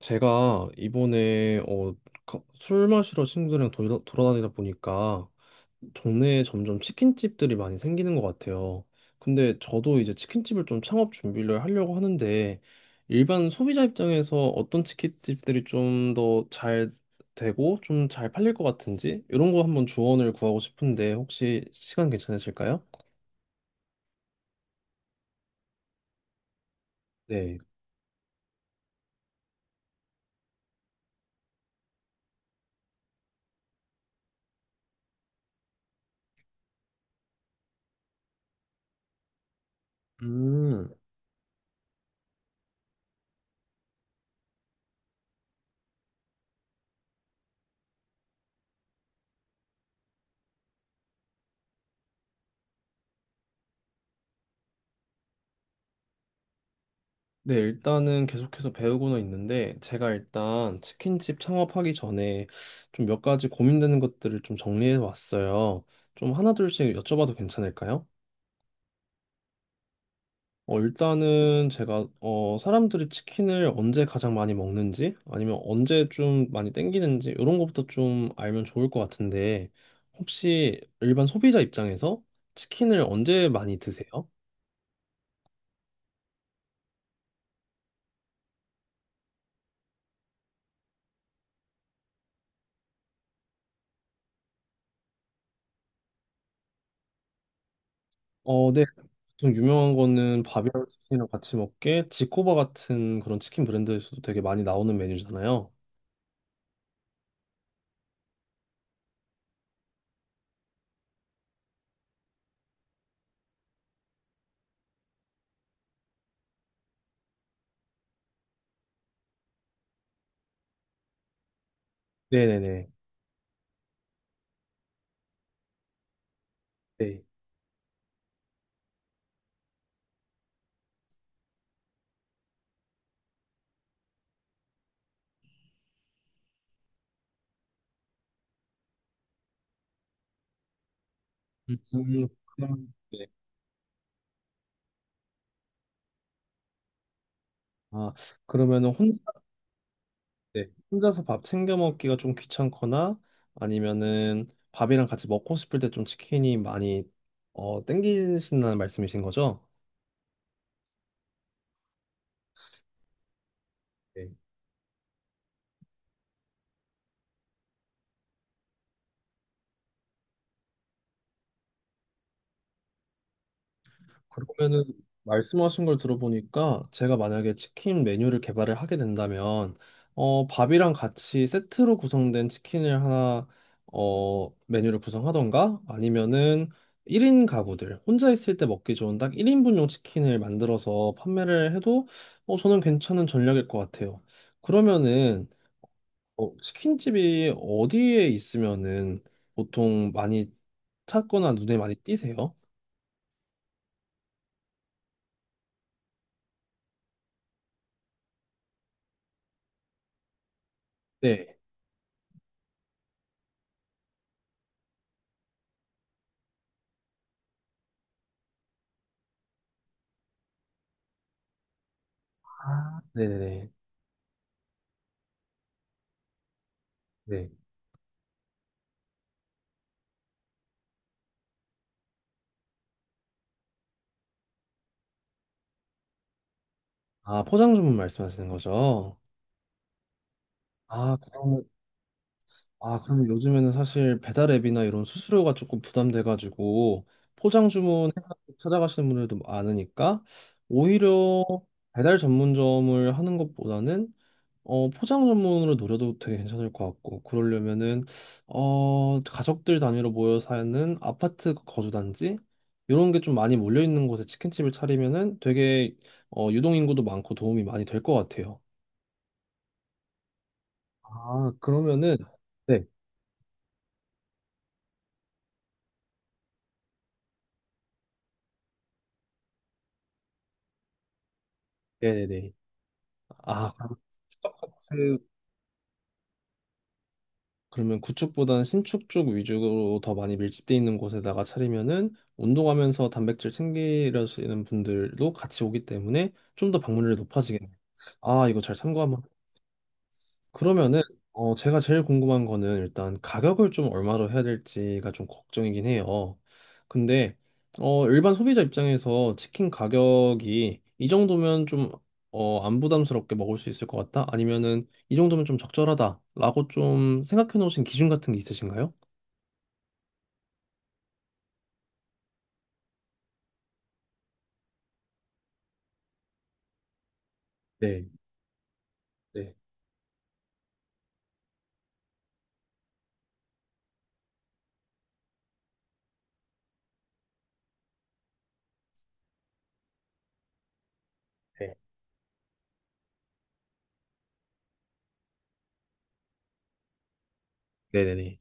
제가 이번에 술 마시러 친구들이랑 돌아다니다 보니까 동네에 점점 치킨집들이 많이 생기는 것 같아요. 근데 저도 이제 치킨집을 좀 창업 준비를 하려고 하는데 일반 소비자 입장에서 어떤 치킨집들이 좀 더 잘 되고 좀 잘 팔릴 것 같은지 이런 거 한번 조언을 구하고 싶은데 혹시 시간 괜찮으실까요? 네. 음. 네, 일단은 계속해서 배우고는 있는데, 제가 일단 치킨집 창업하기 전에 좀 몇 가지 고민되는 것들을 좀 정리해 왔어요. 좀 하나둘씩 여쭤봐도 괜찮을까요? 일단은 제가, 사람들이 치킨을 언제 가장 많이 먹는지, 아니면 언제 좀 많이 땡기는지, 이런 것부터 좀 알면 좋을 것 같은데, 혹시 일반 소비자 입장에서 치킨을 언제 많이 드세요? 네. 보통 유명한 거는 바비앙 치킨이랑 같이 먹게 지코바 같은 그런 치킨 브랜드에서도 되게 많이 나오는 메뉴잖아요. 네네네. 네. 네. 아, 그러면은 네. 혼자서 밥 챙겨 먹기가 좀 귀찮거나 아니면은 밥이랑 같이 먹고 싶을 때 좀 치킨이 많이 땡기신다는 말씀이신 거죠? 네. 그러면은 말씀하신 걸 들어보니까 제가 만약에 치킨 메뉴를 개발을 하게 된다면 밥이랑 같이 세트로 구성된 치킨을 하나 메뉴를 구성하던가 아니면은 1인 가구들 혼자 있을 때 먹기 좋은 딱 1인분용 치킨을 만들어서 판매를 해도 저는 괜찮은 전략일 것 같아요. 그러면은 치킨집이 어디에 있으면은 보통 많이 찾거나 눈에 많이 띄세요? 네. 아, 네네. 네. 아, 포장 주문 말씀하시는 거죠? 아, 그러면. 아, 그러면 요즘에는 사실 배달 앱이나 이런 수수료가 조금 부담돼가지고 포장 주문 해가지고 찾아가시는 분들도 많으니까 오히려 배달 전문점을 하는 것보다는 포장 전문으로 노려도 되게 괜찮을 것 같고 그러려면은 가족들 단위로 모여 사는 아파트 거주단지 이런 게 좀 많이 몰려 있는 곳에 치킨집을 차리면은 되게 유동 인구도 많고 도움이 많이 될 것 같아요. 아, 그러면은. 네, 네네네. 아, 아, 아파트, 그러면 구축보다는 신축 쪽 위주로 더 많이 밀집돼 있는 곳에다가 차리면은 운동하면서 단백질 챙기려시는 분들도 같이 오기 때문에 좀 더 방문율이 높아지겠네요. 아, 이거 잘 참고 한번. 그러면은 제가 제일 궁금한 거는 일단 가격을 좀 얼마로 해야 될지가 좀 걱정이긴 해요. 근데 일반 소비자 입장에서 치킨 가격이 이 정도면 좀 안 부담스럽게 먹을 수 있을 것 같다? 아니면은 이 정도면 좀 적절하다라고 좀 생각해 놓으신 기준 같은 게 있으신가요? 네, 네, 네. 네네네.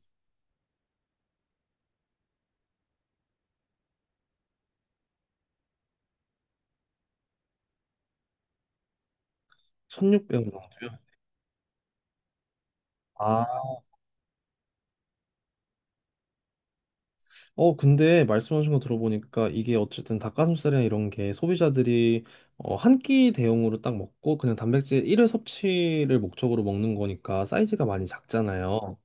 1,600원 정도요? 근데 말씀하신 거 들어보니까 이게 어쨌든 닭가슴살이나 이런 게 소비자들이 한 끼 대용으로 딱 먹고 그냥 단백질 1회 섭취를 목적으로 먹는 거니까 사이즈가 많이 작잖아요.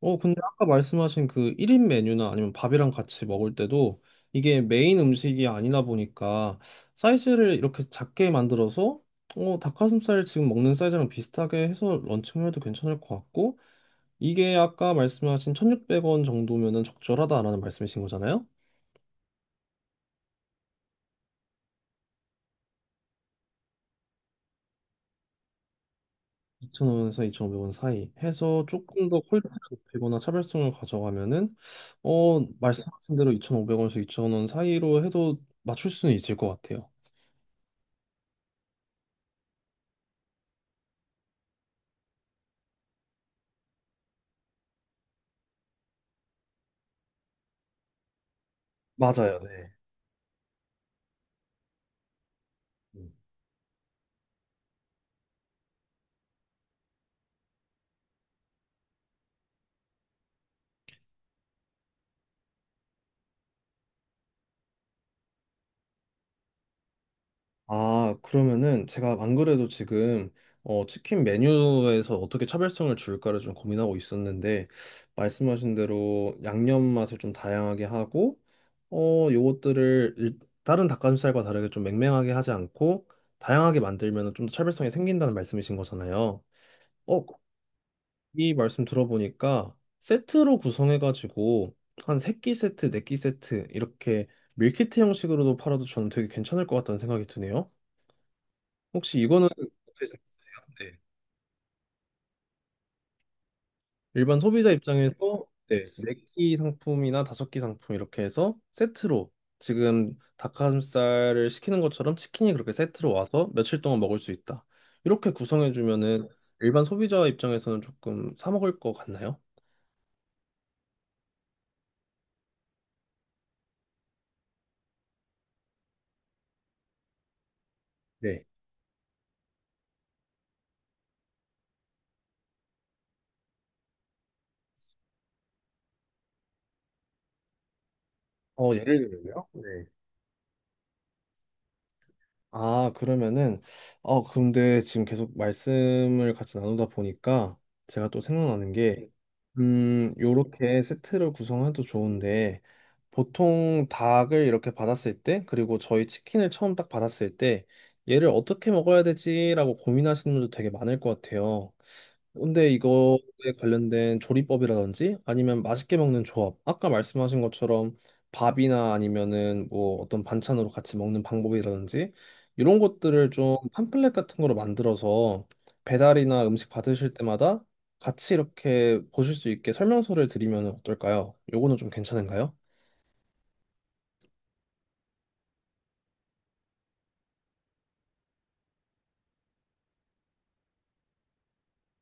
근데 아까 말씀하신 그 1인 메뉴나 아니면 밥이랑 같이 먹을 때도 이게 메인 음식이 아니다 보니까 사이즈를 이렇게 작게 만들어서 닭가슴살 지금 먹는 사이즈랑 비슷하게 해서 런칭을 해도 괜찮을 것 같고 이게 아까 말씀하신 1,600원 정도면은 적절하다라는 말씀이신 거잖아요? 2,000원에서 2,500원 사이 해서 조금 더 퀄리티를 높이거나 차별성을 가져가면은 말씀하신 대로 2,500원에서 2,000원 사이로 해도 맞출 수는 있을 것 같아요. 맞아요, 네. 음. 아, 그러면은 제가 안 그래도 지금 치킨 메뉴에서 어떻게 차별성을 줄까를 좀 고민하고 있었는데 말씀하신 대로 양념 맛을 좀 다양하게 하고 요것들을 다른 닭가슴살과 다르게 좀 맹맹하게 하지 않고 다양하게 만들면 좀 더 차별성이 생긴다는 말씀이신 거잖아요. 어, 이 말씀 들어보니까 세트로 구성해가지고 한 세끼 세트, 네끼 세트 이렇게 밀키트 형식으로도 팔아도 저는 되게 괜찮을 것 같다는 생각이 드네요. 혹시 이거는 어떻게 생각하세요? 네. 일반 소비자 입장에서 네, 네끼 상품이나 다섯 끼 상품 이렇게 해서 세트로 지금 닭가슴살을 시키는 것처럼 치킨이 그렇게 세트로 와서 며칠 동안 먹을 수 있다. 이렇게 구성해주면은 일반 소비자 입장에서는 조금 사 먹을 것 같나요? 네. 예를 들면요? 네. 아, 그러면은. 근데 지금 계속 말씀을 같이 나누다 보니까 제가 또 생각나는 게, 요렇게 세트를 구성해도 좋은데, 보통 닭을 이렇게 받았을 때, 그리고 저희 치킨을 처음 딱 받았을 때, 얘를 어떻게 먹어야 되지라고 고민하시는 분도 되게 많을 것 같아요. 근데 이거에 관련된 조리법이라든지 아니면 맛있게 먹는 조합, 아까 말씀하신 것처럼 밥이나 아니면은 뭐 어떤 반찬으로 같이 먹는 방법이라든지 이런 것들을 좀 팜플렛 같은 거로 만들어서 배달이나 음식 받으실 때마다 같이 이렇게 보실 수 있게 설명서를 드리면 어떨까요? 요거는 좀 괜찮은가요?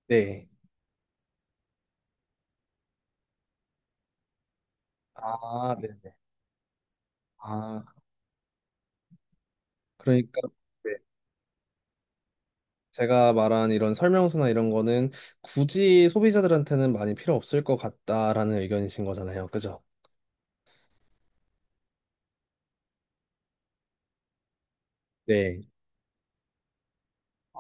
네. 아, 네. 아, 그러니까 제가 말한 이런 설명서나 이런 거는 굳이 소비자들한테는 많이 필요 없을 것 같다라는 의견이신 거잖아요. 그죠? 네.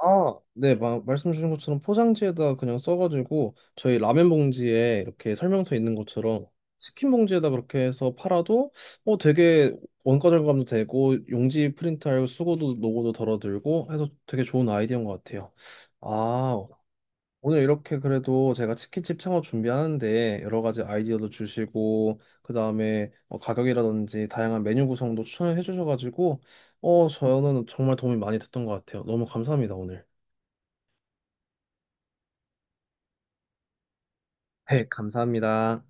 아, 네. 말씀 주신 것처럼 포장지에다 그냥 써가지고 저희 라면 봉지에 이렇게 설명서 있는 것처럼 치킨 봉지에다 그렇게 해서 팔아도 되게 원가 절감도 되고 용지 프린트하고 수고도 노고도 덜어들고 해서 되게 좋은 아이디어인 것 같아요. 아, 오늘 이렇게 그래도 제가 치킨집 창업 준비하는데 여러 가지 아이디어도 주시고 그 다음에 가격이라든지 다양한 메뉴 구성도 추천을 해주셔가지고 저는 정말 도움이 많이 됐던 것 같아요. 너무 감사합니다 오늘. 네, 감사합니다.